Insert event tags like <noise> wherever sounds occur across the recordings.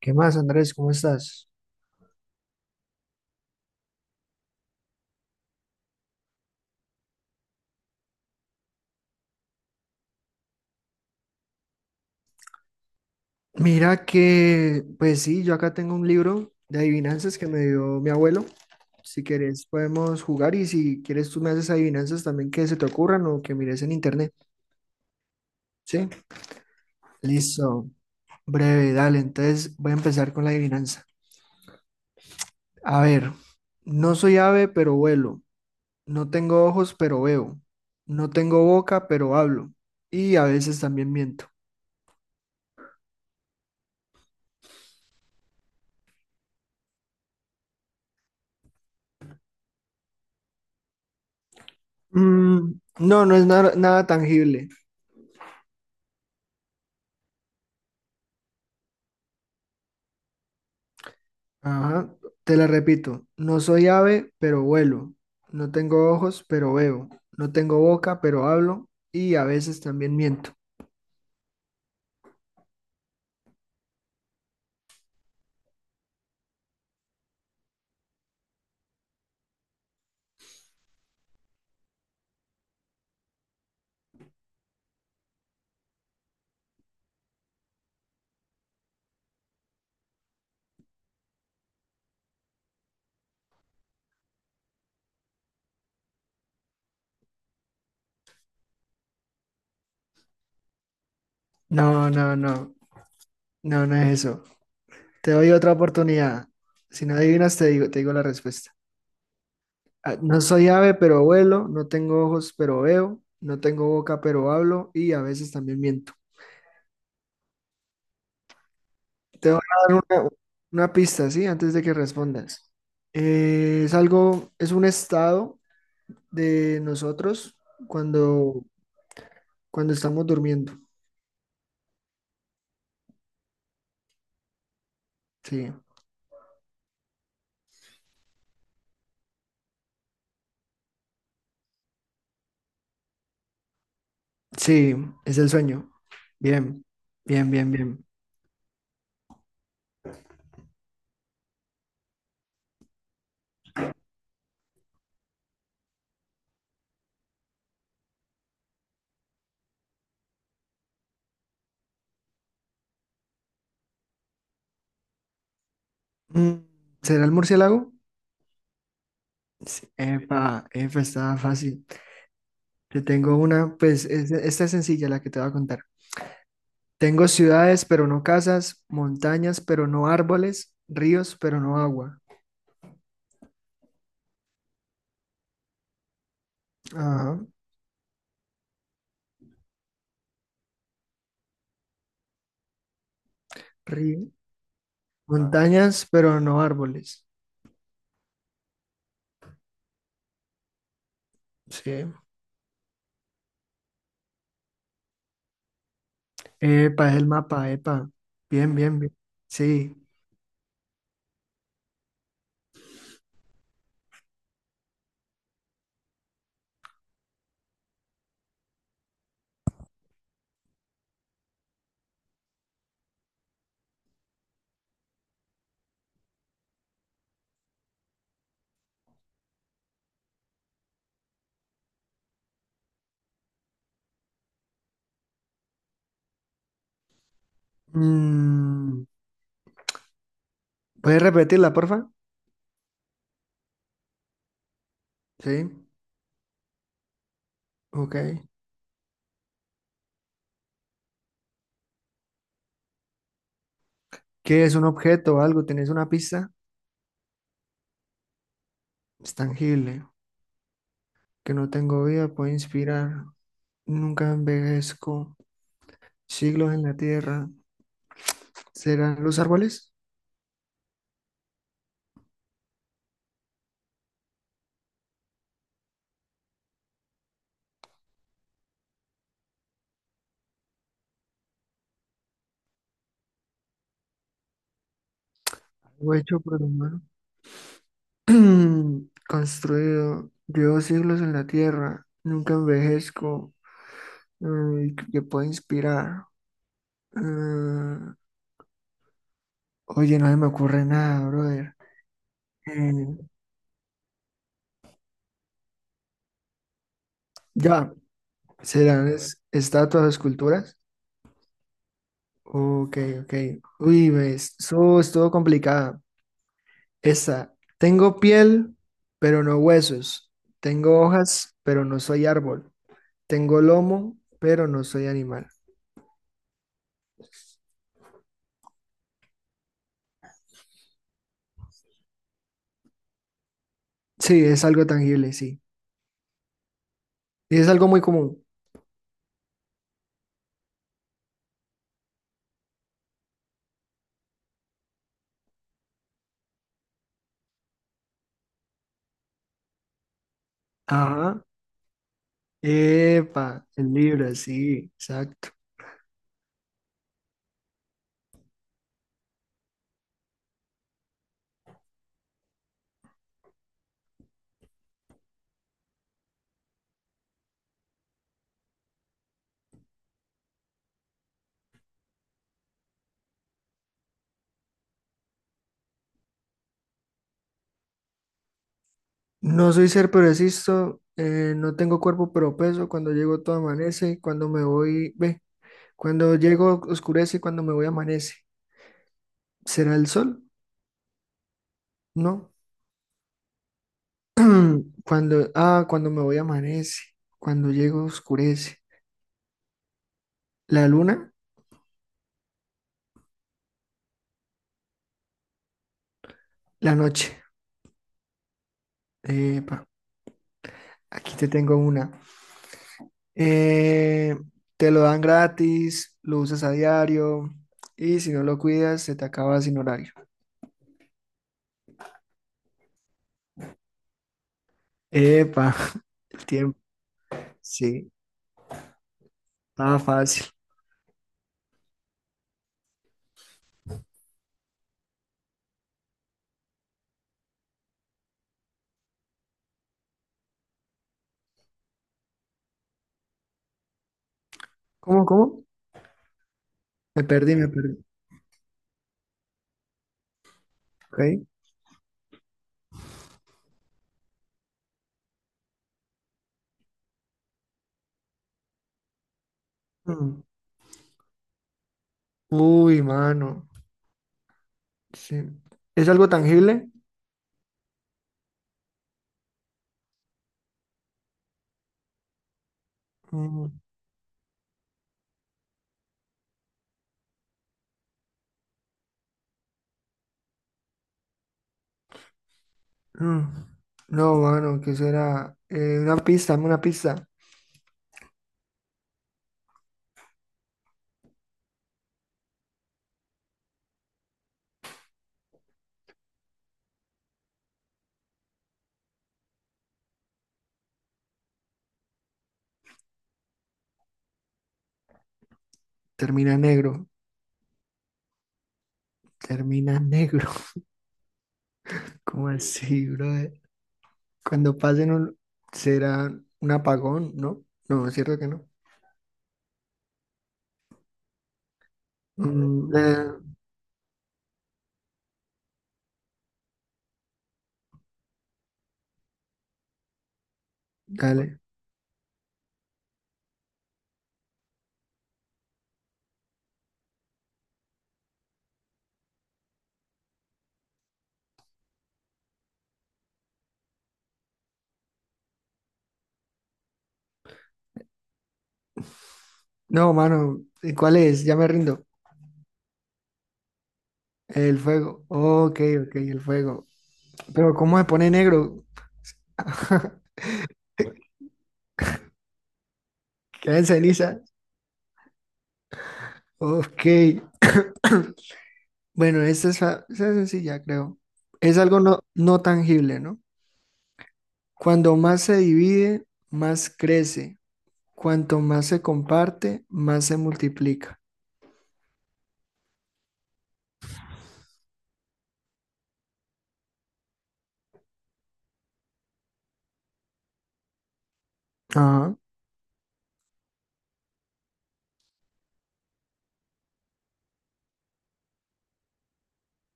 ¿Qué más, Andrés? ¿Cómo estás? Mira que, pues sí, yo acá tengo un libro de adivinanzas que me dio mi abuelo. Si quieres, podemos jugar y si quieres, tú me haces adivinanzas también que se te ocurran o que mires en internet. Sí, listo. Breve, dale. Entonces voy a empezar con la adivinanza. A ver, no soy ave, pero vuelo. No tengo ojos, pero veo. No tengo boca, pero hablo. Y a veces también miento. Mm, no, no es nada nada tangible. Ajá, te la repito. No soy ave, pero vuelo. No tengo ojos, pero veo. No tengo boca, pero hablo. Y a veces también miento. No, no, no. No, no es eso. Te doy otra oportunidad. Si no adivinas, te digo la respuesta. Ah, no soy ave, pero vuelo. No tengo ojos, pero veo. No tengo boca, pero hablo. Y a veces también miento. Te voy a dar una pista, ¿sí? Antes de que respondas. Es algo, es un estado de nosotros cuando, cuando estamos durmiendo. Sí, sí, es el sueño. Bien, bien, bien, bien. Mm, ¿será el murciélago? Sí. Epa, epa, está fácil. Te tengo una, pues esta es sencilla la que te voy a contar. Tengo ciudades, pero no casas, montañas, pero no árboles, ríos, pero no agua. Ajá, río. Montañas, pero no árboles. Sí. Epa, es el mapa, epa. Bien, bien, bien. Sí. Mm, ¿puedes repetirla, porfa? Sí, ok. ¿Qué es un objeto o algo? ¿Tenés una pista? Es tangible. Que no tengo vida, puede inspirar. Nunca envejezco. Siglos en la tierra. ¿Serán los árboles? Algo hecho por el humano. <clears throat> Construido. Llevo siglos en la tierra. Nunca envejezco. Mm, que puede inspirar. Ah, oye, no se me ocurre nada, brother. Eh, ya, ¿serán estatuas o esculturas? Ok, ok. Uy, ves, eso estuvo complicada. Esta. Tengo piel, pero no huesos. Tengo hojas, pero no soy árbol. Tengo lomo, pero no soy animal. Sí, es algo tangible, sí. Y es algo muy común. Ajá. Epa, el libro, sí, exacto. No soy ser, pero existo. No tengo cuerpo, pero peso. Cuando llego todo amanece. Cuando me voy, ve. Cuando llego oscurece, y cuando me voy amanece. ¿Será el sol? No. <clears throat> Cuando, ah, cuando me voy amanece. Cuando llego oscurece. La luna, la noche. Epa, aquí te tengo una. Eh, Te lo dan gratis, lo usas a diario y si no lo cuidas, se te acaba sin horario. Epa, <laughs> el tiempo. Sí, estaba fácil. ¿Cómo, cómo? Me perdí, me perdí. Ok. Mm. Uy, mano. Sí. ¿Es algo tangible? Mm, mm. No, mano, ¿qué será? Una pista, dame una pista. Termina negro. Termina negro. <laughs> ¿Cómo así, brother? Cuando pasen un... será un apagón, ¿no? No, es cierto que no. Mm, eh, Dale. No, mano, ¿y ¿cuál es? Ya me rindo. El fuego. Ok, ok, el fuego. Pero ¿cómo se pone negro? <laughs> Queda en ceniza. Ok. Bueno, esta es, esta es sencilla, creo. Es algo no, no tangible, ¿no? Cuando más se divide, más crece. Cuanto más se comparte, más se multiplica. Ajá.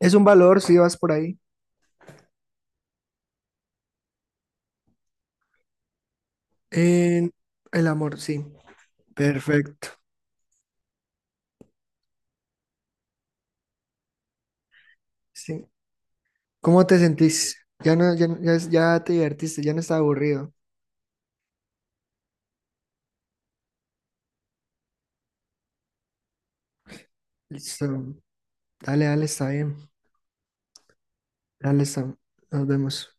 Es un valor si vas por ahí. En el amor, sí. Perfecto. Sí. ¿Cómo te sentís? Ya no, ya, ya, ya te divertiste, ya no está aburrido. Listo. Dale, dale, está bien. Dale, está. Nos vemos.